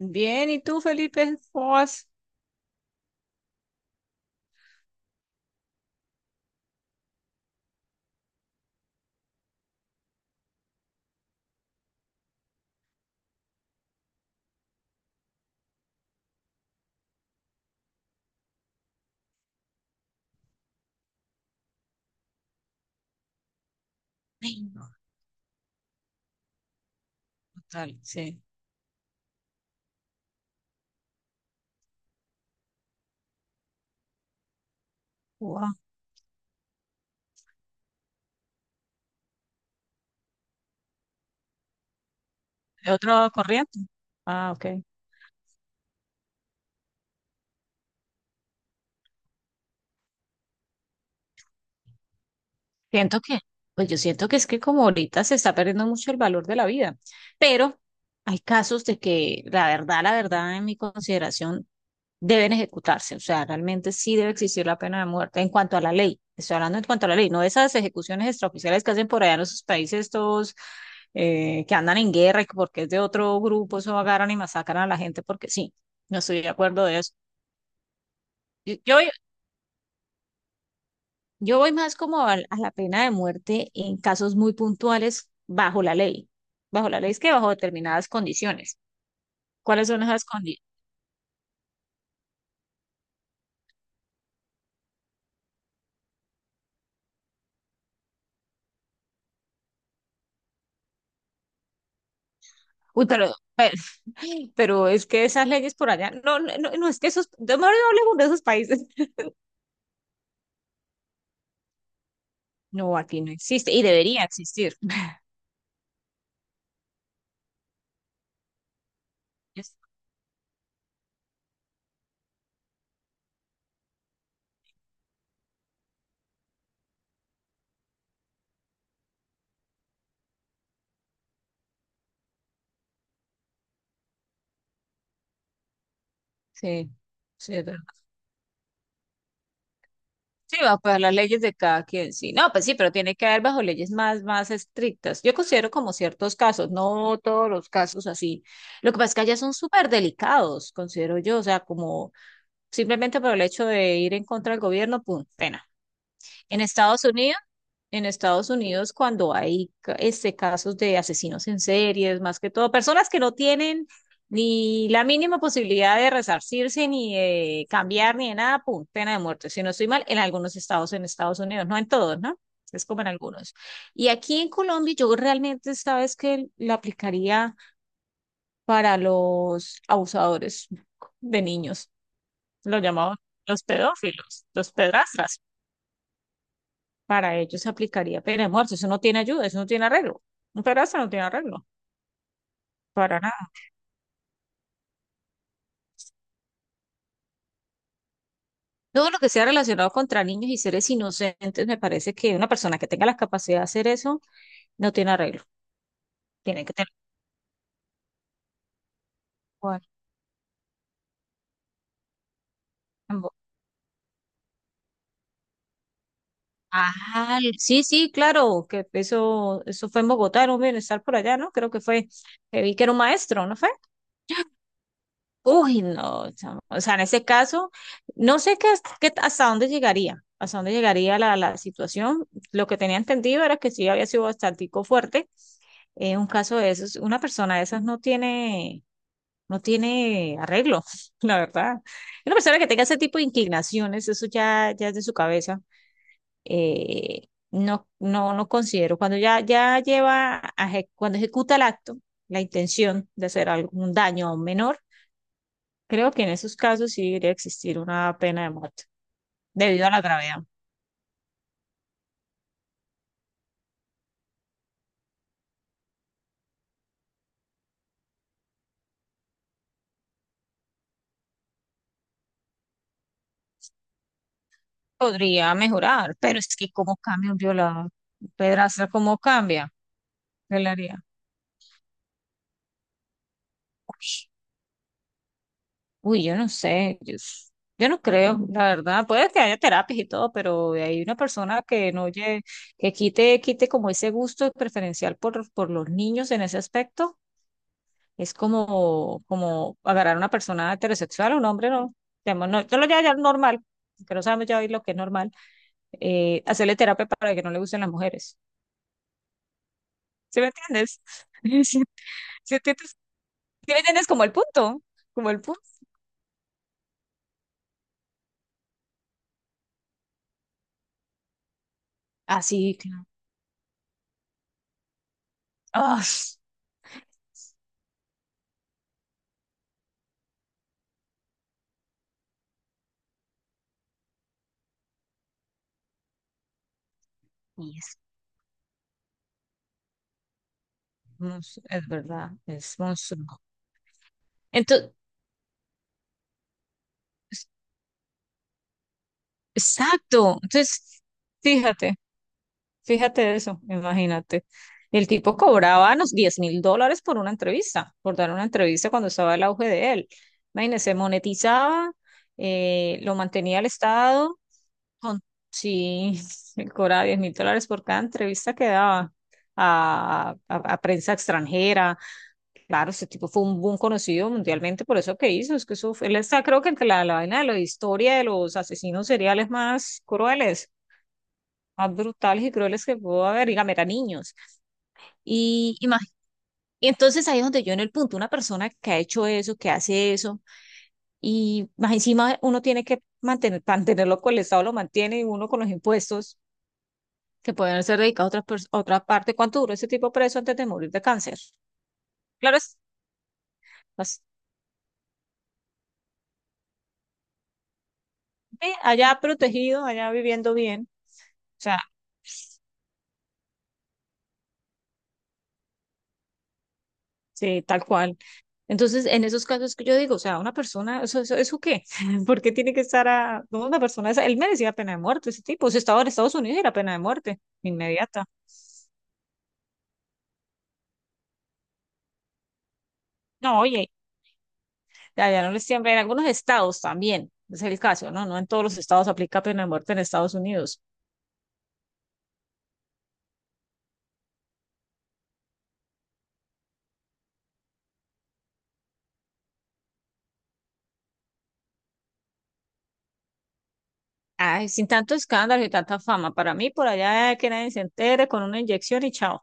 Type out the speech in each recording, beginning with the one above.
Bien, ¿y tú, Felipe? ¿Cómo vas? Ay, no, total, sí. Wow. ¿De otra corriente? Ah, ok. Siento que, pues yo siento que es que como ahorita se está perdiendo mucho el valor de la vida, pero hay casos de que la verdad, en mi consideración, deben ejecutarse. O sea, realmente sí debe existir la pena de muerte en cuanto a la ley. Estoy hablando en cuanto a la ley, no esas ejecuciones extraoficiales que hacen por allá en esos países estos que andan en guerra y que porque es de otro grupo, eso agarran y masacran a la gente porque sí, no estoy de acuerdo de eso. Yo, yo yo voy más como a la pena de muerte en casos muy puntuales bajo la ley. Bajo la ley es que bajo determinadas condiciones. ¿Cuáles son esas condiciones? Uy, pero, pero es que esas leyes por allá, no, no, no, no, es que esos, no, no hablemos de esos países. No, aquí no existe y debería existir. Es- Sí, sí, es verdad. Sí, va, pues las leyes de cada quien, sí. No, pues sí, pero tiene que haber bajo leyes más, más estrictas. Yo considero como ciertos casos, no todos los casos así. Lo que pasa es que allá son súper delicados, considero yo, o sea, como simplemente por el hecho de ir en contra del gobierno, pum, pena. En Estados Unidos, en Estados Unidos cuando hay casos de asesinos en series, más que todo, personas que no tienen ni la mínima posibilidad de resarcirse, ni de cambiar, ni de nada, pum, pena de muerte. Si no estoy mal, en algunos estados en Estados Unidos, no en todos, ¿no? Es como en algunos. Y aquí en Colombia, yo realmente, sabes que la aplicaría para los abusadores de niños, los llamamos los pedófilos, los pedrastras para ellos se aplicaría pena de muerte. Eso no tiene ayuda, eso no tiene arreglo. Un pedazo no tiene arreglo, para nada. Todo lo que sea relacionado contra niños y seres inocentes, me parece que una persona que tenga la capacidad de hacer eso no tiene arreglo. Tiene que tener. Bueno, en Bo- ah, sí, sí, claro, que eso fue en Bogotá, era un bienestar por allá, ¿no? Creo que fue, que vi que era un maestro, ¿no fue? Uy, no, chamo. O sea, en ese caso, no sé qué, hasta dónde llegaría la, la situación. Lo que tenía entendido era que sí había sido bastante fuerte. Un caso de esos, una persona de esas no tiene, no tiene arreglo, la verdad. Una persona que tenga ese tipo de inclinaciones, eso ya, ya es de su cabeza. No, no, no considero. Cuando ya, cuando ejecuta el acto, la intención de hacer algún daño a un menor. Creo que en esos casos sí debería existir una pena de muerte debido a la gravedad. Podría mejorar, pero es que cómo cambia un violador, un pedrastra, cómo cambia, ¿qué le haría? Uy, uy, yo no sé, yo no creo, la verdad, puede que haya terapias y todo, pero hay una persona que no lle- que quite, quite como ese gusto preferencial por los niños en ese aspecto, es como, como agarrar a una persona heterosexual, un hombre, no, digamos, no, yo lo llamo ya normal, que no sabemos ya hoy lo que es normal, hacerle terapia para que no le gusten las mujeres. ¿Sí me entiendes? Sí, ¿sí entiendes? ¿Sí me entiendes como el punto, como el punto? Así, claro. Ah, y es, monstruo, es verdad, es monstruo. Entonces, exacto. Entonces, fíjate, fíjate eso, imagínate. El tipo cobraba unos 10.000 dólares por una entrevista, por dar una entrevista cuando estaba el auge de él. Imagínese, monetizaba, lo mantenía el Estado. Con- Sí, cobraba 10.000 dólares por cada entrevista que daba a, a prensa extranjera. Claro, ese tipo fue un boom conocido mundialmente por eso que hizo. Es que él está, creo que entre la, la vaina de la historia de los asesinos seriales más crueles, más brutales y crueles que pudo haber. Dígame, eran niños. Y, y, más- y entonces ahí es donde yo en el punto, una persona que ha hecho eso, que hace eso, y más encima uno tiene que mantener, mantenerlo con el Estado, lo mantiene y uno con los impuestos que pueden ser dedicados a otra parte. ¿Cuánto duró ese tipo preso antes de morir de cáncer? Claro, es así, allá protegido, allá viviendo bien, o sea, sí, tal cual. Entonces, en esos casos que yo digo, o sea, una persona, ¿eso, eso, eso qué? ¿Por qué tiene que estar a, no, una persona, él merecía pena de muerte, ese tipo, si estaba en Estados Unidos era pena de muerte inmediata. No, oye, allá no les siempre, en algunos estados también, es el caso, ¿no? No en todos los estados aplica pena de muerte en Estados Unidos. Ay, sin tanto escándalo y tanta fama. Para mí, por allá que nadie se entere con una inyección y chao.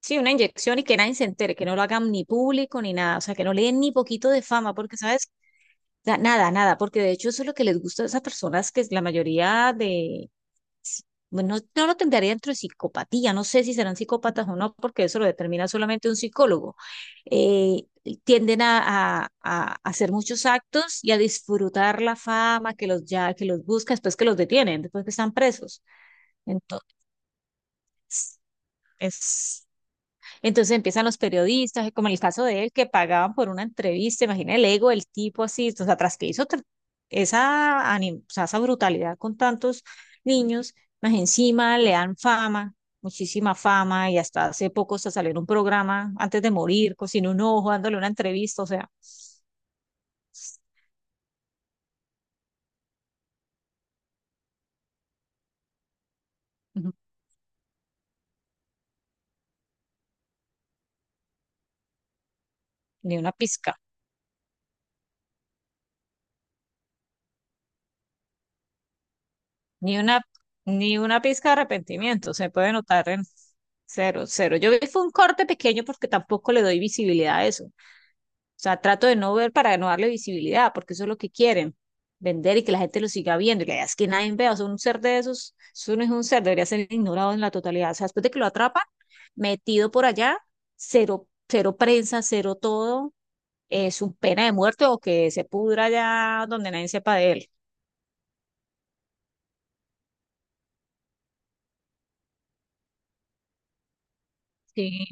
Sí, una inyección y que nadie se entere, que no lo hagan ni público ni nada, o sea, que no le den ni poquito de fama, porque, ¿sabes? Nada, nada, porque de hecho eso es lo que les gusta a esas personas, que es la mayoría de, bueno, no lo tendría dentro de psicopatía, no sé si serán psicópatas o no, porque eso lo determina solamente un psicólogo. Eh, Tienden a, a hacer muchos actos y a disfrutar la fama que los ya, que los busca después que los detienen, después que están presos. Entonces, es... Entonces empiezan los periodistas, como en el caso de él, que pagaban por una entrevista, imagina el ego del tipo así, o sea, tras que hizo tr- esa, o sea, esa brutalidad con tantos niños, más encima le dan fama, muchísima fama, y hasta hace poco se salió en un programa, antes de morir, cocinó un ojo, dándole una entrevista, o sea, ujú, ni una pizca. Ni una, ni una pizca de arrepentimiento se puede notar en cero, cero. Yo vi fue un corte pequeño porque tampoco le doy visibilidad a eso. O sea, trato de no ver para no darle visibilidad, porque eso es lo que quieren, vender y que la gente lo siga viendo. Y la idea es que nadie vea, o sea, un ser de esos, eso no es un ser, debería ser ignorado en la totalidad. O sea, después de que lo atrapan, metido por allá, cero, cero prensa, cero todo, es un pena de muerte o que se pudra allá donde nadie sepa de él. Sí.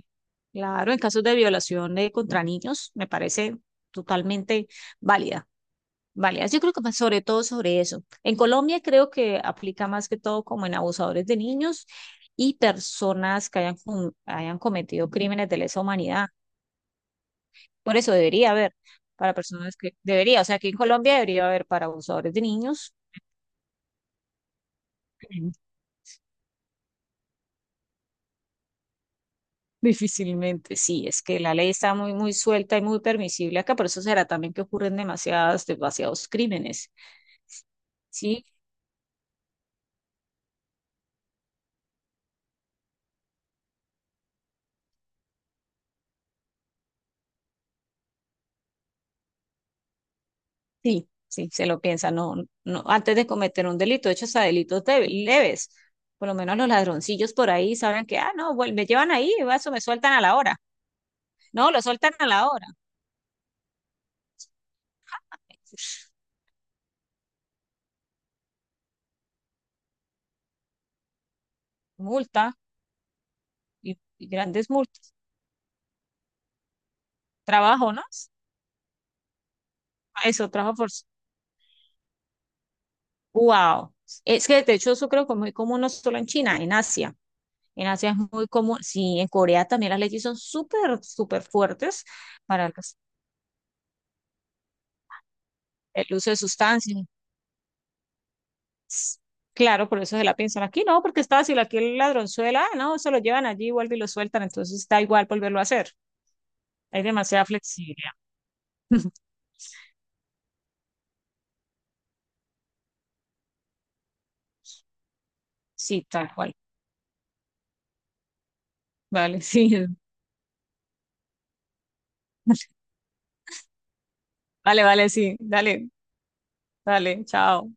Claro, en casos de violación contra niños, me parece totalmente válida, válida. Yo creo que más sobre todo sobre eso. En Colombia creo que aplica más que todo como en abusadores de niños y personas que hayan cometido crímenes de lesa humanidad. Por eso debería haber para personas que debería, o sea, aquí en Colombia debería haber para abusadores de niños. Mm. Difícilmente, sí, es que la ley está muy, muy suelta y muy permisible acá, por eso será también que ocurren demasiadas, demasiados crímenes. Sí. Sí, sí, se lo piensa, no, no, antes de cometer un delito, de hecho, hasta leves, por lo menos los ladroncillos por ahí saben que, ah, no, me llevan ahí, eso me sueltan a la hora, no, lo sueltan a la hora, multa, y grandes multas, trabajo, ¿no? Eso, trabajo por, wow, es que de hecho eso creo que es muy común no solo en China, en Asia es muy común, sí, en Corea también las leyes son súper, súper fuertes para el uso de sustancias, S- claro, por eso se la piensan aquí, no, porque es fácil, aquí el ladronzuela, ah, no, se lo llevan allí, vuelve y lo sueltan, entonces da igual volverlo a hacer. Hay demasiada flexibilidad. Sí, tal cual. Vale, sí. Vale, vale, sí. Dale, dale, chao.